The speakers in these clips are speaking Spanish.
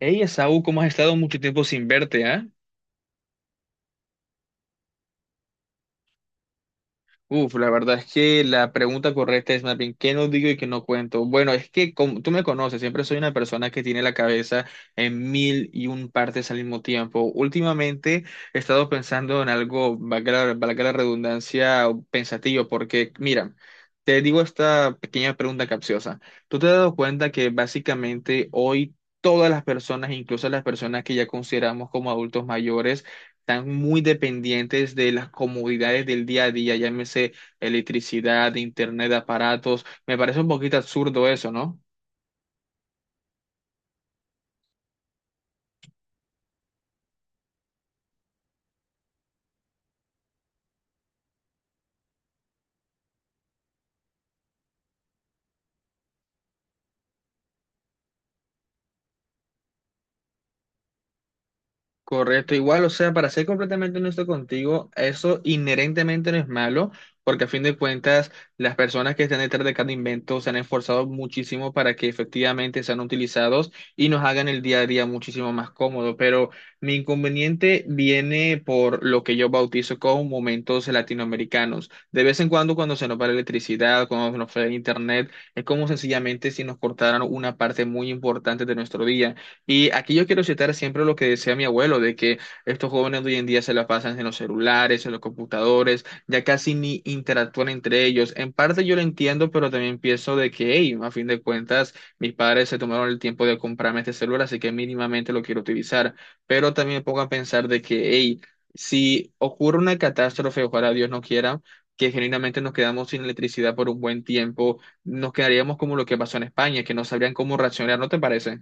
Hey, Esaú, ¿cómo has estado mucho tiempo sin verte, ah? Uf, la verdad es que la pregunta correcta es más bien, ¿qué no digo y qué no cuento? Bueno, es que como tú me conoces, siempre soy una persona que tiene la cabeza en mil y un partes al mismo tiempo. Últimamente he estado pensando en algo, valga la redundancia, pensativo, porque mira, te digo esta pequeña pregunta capciosa. ¿Tú te has dado cuenta que básicamente hoy todas las personas, incluso las personas que ya consideramos como adultos mayores, están muy dependientes de las comodidades del día a día, llámese electricidad, internet, aparatos? Me parece un poquito absurdo eso, ¿no? Correcto, igual, o sea, para ser completamente honesto contigo, eso inherentemente no es malo, porque a fin de cuentas las personas que están detrás de cada invento se han esforzado muchísimo para que efectivamente sean utilizados y nos hagan el día a día muchísimo más cómodo, pero mi inconveniente viene por lo que yo bautizo como momentos latinoamericanos. De vez en cuando cuando se nos va la electricidad, cuando se nos va el internet, es como sencillamente si nos cortaran una parte muy importante de nuestro día. Y aquí yo quiero citar siempre lo que decía mi abuelo, de que estos jóvenes de hoy en día se la pasan en los celulares, en los computadores, ya casi ni interactúan entre ellos. En parte yo lo entiendo, pero también pienso de que, hey, a fin de cuentas, mis padres se tomaron el tiempo de comprarme este celular, así que mínimamente lo quiero utilizar. Pero también me pongo a pensar de que, hey, si ocurre una catástrofe, ojalá Dios no quiera, que genuinamente nos quedamos sin electricidad por un buen tiempo, nos quedaríamos como lo que pasó en España, que no sabrían cómo reaccionar, ¿no te parece?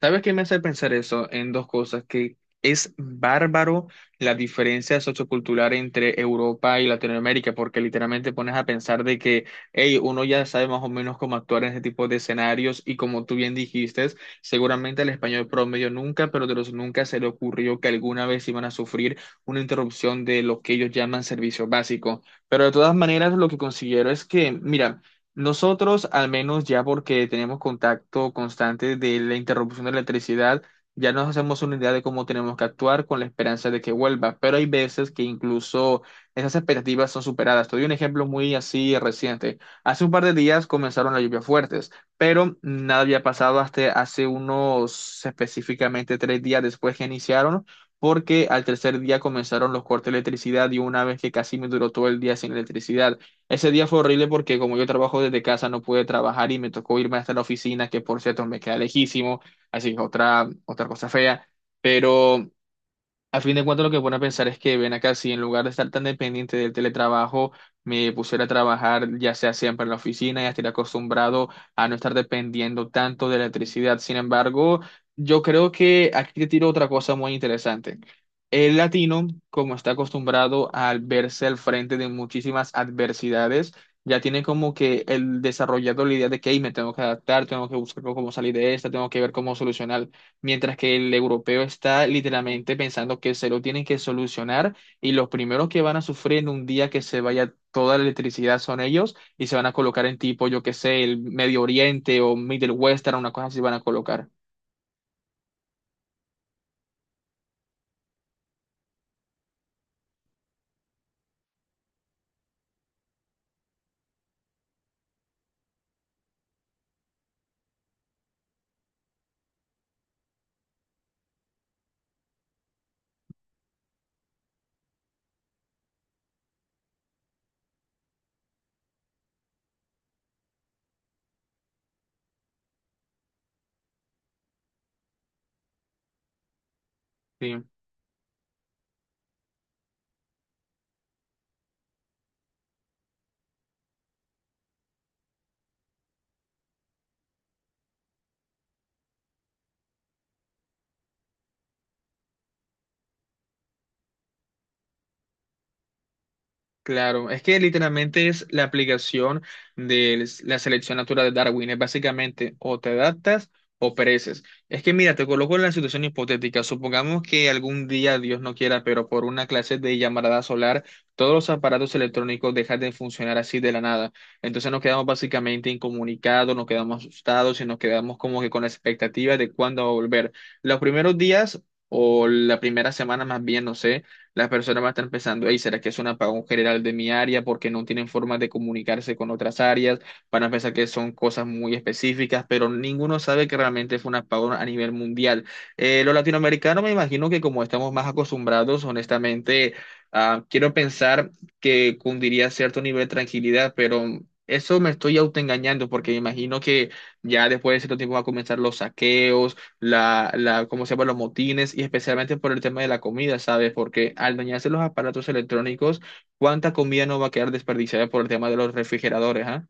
¿Sabes qué me hace pensar eso? En dos cosas, que es bárbaro la diferencia sociocultural entre Europa y Latinoamérica, porque literalmente pones a pensar de que, hey, uno ya sabe más o menos cómo actuar en ese tipo de escenarios y como tú bien dijiste, seguramente al español promedio nunca, pero de los nunca se le ocurrió que alguna vez iban a sufrir una interrupción de lo que ellos llaman servicio básico. Pero de todas maneras, lo que considero es que, mira, nosotros, al menos ya porque tenemos contacto constante de la interrupción de la electricidad, ya nos hacemos una idea de cómo tenemos que actuar con la esperanza de que vuelva, pero hay veces que incluso esas expectativas son superadas. Te doy un ejemplo muy así reciente. Hace un par de días comenzaron las lluvias fuertes, pero nada había pasado hasta hace unos específicamente 3 días después que iniciaron, porque al tercer día comenzaron los cortes de electricidad y una vez que casi me duró todo el día sin electricidad. Ese día fue horrible porque como yo trabajo desde casa no pude trabajar y me tocó irme hasta la oficina, que por cierto me queda lejísimo, así que otra cosa fea. Pero a fin de cuentas, lo que pone a pensar es que ven acá, si en lugar de estar tan dependiente del teletrabajo, me pusiera a trabajar ya sea siempre en la oficina, ya estaría acostumbrado a no estar dependiendo tanto de electricidad. Sin embargo, yo creo que aquí te tiro otra cosa muy interesante. El latino, como está acostumbrado al verse al frente de muchísimas adversidades, ya tiene como que el desarrollado la idea de que "Ey, me tengo que adaptar, tengo que buscar cómo salir de esta, tengo que ver cómo solucionar", mientras que el europeo está literalmente pensando que se lo tienen que solucionar y los primeros que van a sufrir en un día que se vaya toda la electricidad son ellos y se van a colocar en tipo, yo qué sé, el Medio Oriente o Middle Western, una cosa así van a colocar. Sí. Claro, es que literalmente es la aplicación de la selección natural de Darwin. Es básicamente o te adaptas o pereces. Es que mira, te coloco en la situación hipotética. Supongamos que algún día, Dios no quiera, pero por una clase de llamarada solar, todos los aparatos electrónicos dejan de funcionar así de la nada. Entonces nos quedamos básicamente incomunicados, nos quedamos asustados y nos quedamos como que con la expectativa de cuándo va a volver. Los primeros días o la primera semana más bien, no sé, las personas van a estar pensando, hey, ¿será que es un apagón general de mi área porque no tienen forma de comunicarse con otras áreas? Van a pensar que son cosas muy específicas, pero ninguno sabe que realmente fue un apagón a nivel mundial. Los latinoamericanos, me imagino que como estamos más acostumbrados, honestamente, ah, quiero pensar que cundiría cierto nivel de tranquilidad, pero... Eso me estoy autoengañando porque me imagino que ya después de cierto tiempo van a comenzar los saqueos, ¿cómo se llama? Los motines y especialmente por el tema de la comida, ¿sabes? Porque al dañarse los aparatos electrónicos, ¿cuánta comida no va a quedar desperdiciada por el tema de los refrigeradores, ah?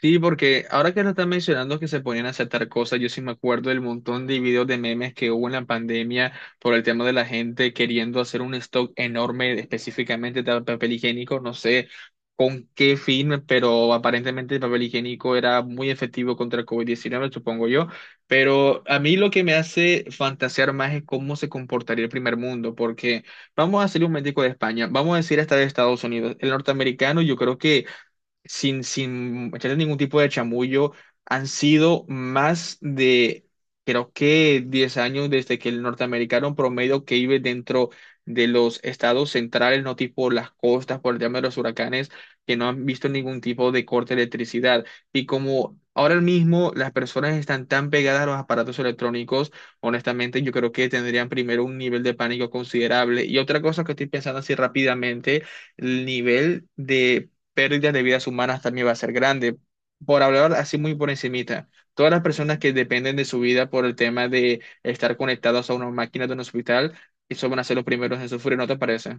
Sí, porque ahora que lo están mencionando que se ponían a aceptar cosas, yo sí me acuerdo del montón de videos de memes que hubo en la pandemia por el tema de la gente queriendo hacer un stock enorme específicamente de papel higiénico, no sé con qué fin, pero aparentemente el papel higiénico era muy efectivo contra el COVID-19, supongo yo. Pero a mí lo que me hace fantasear más es cómo se comportaría el primer mundo, porque vamos a hacer un médico de España, vamos a decir hasta de Estados Unidos, el norteamericano, yo creo que sin echarle ningún tipo de chamullo, han sido más de, creo que 10 años desde que el norteamericano promedio que vive dentro de los estados centrales, no tipo las costas por el tema de los huracanes, que no han visto ningún tipo de corte de electricidad. Y como ahora mismo las personas están tan pegadas a los aparatos electrónicos, honestamente yo creo que tendrían primero un nivel de pánico considerable. Y otra cosa que estoy pensando así rápidamente, el nivel de pérdidas de vidas humanas también va a ser grande. Por hablar así muy por encimita, todas las personas que dependen de su vida por el tema de estar conectados a unas máquinas de un hospital, y eso van a ser los primeros en sufrir, ¿no te parece?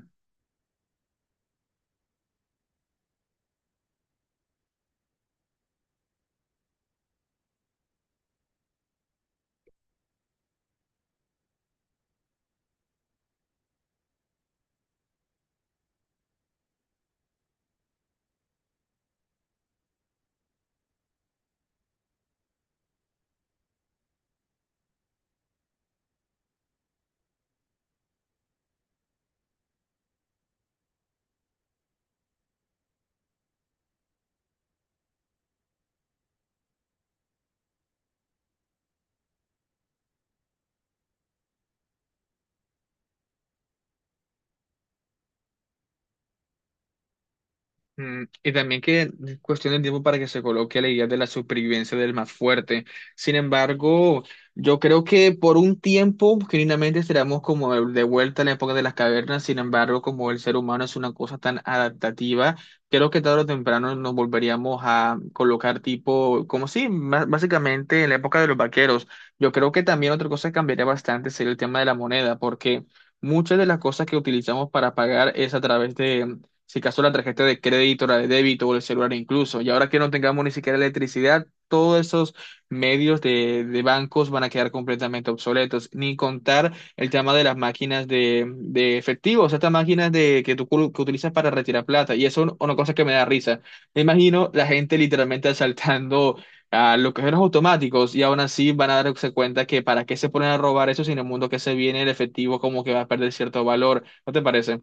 Mm, y también que es cuestión de tiempo para que se coloque la idea de la supervivencia del más fuerte. Sin embargo, yo creo que por un tiempo, genuinamente, estaremos como de vuelta en la época de las cavernas. Sin embargo, como el ser humano es una cosa tan adaptativa, creo que tarde o temprano nos volveríamos a colocar tipo, como sí, básicamente en la época de los vaqueros. Yo creo que también otra cosa que cambiaría bastante sería el tema de la moneda, porque... Muchas de las cosas que utilizamos para pagar es a través de si acaso la tarjeta de crédito, la de débito o el celular incluso. Y ahora que no tengamos ni siquiera electricidad, todos esos medios de bancos van a quedar completamente obsoletos. Ni contar el tema de las máquinas de efectivo, o sea, estas que que utilizas para retirar plata. Y eso es una cosa que me da risa. Me imagino la gente literalmente asaltando a los cajeros automáticos y aún así van a darse cuenta que para qué se ponen a robar eso si en el mundo que se viene el efectivo como que va a perder cierto valor. ¿No te parece?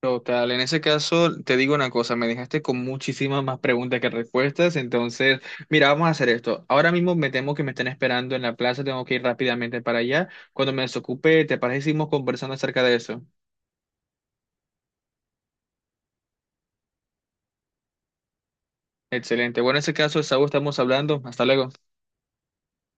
Total, en ese caso te digo una cosa, me dejaste con muchísimas más preguntas que respuestas, entonces, mira, vamos a hacer esto. Ahora mismo me temo que me están esperando en la plaza, tengo que ir rápidamente para allá. Cuando me desocupe, ¿te parece que seguimos conversando acerca de eso? Excelente. Bueno, en ese caso, Saúl, estamos hablando. Hasta luego.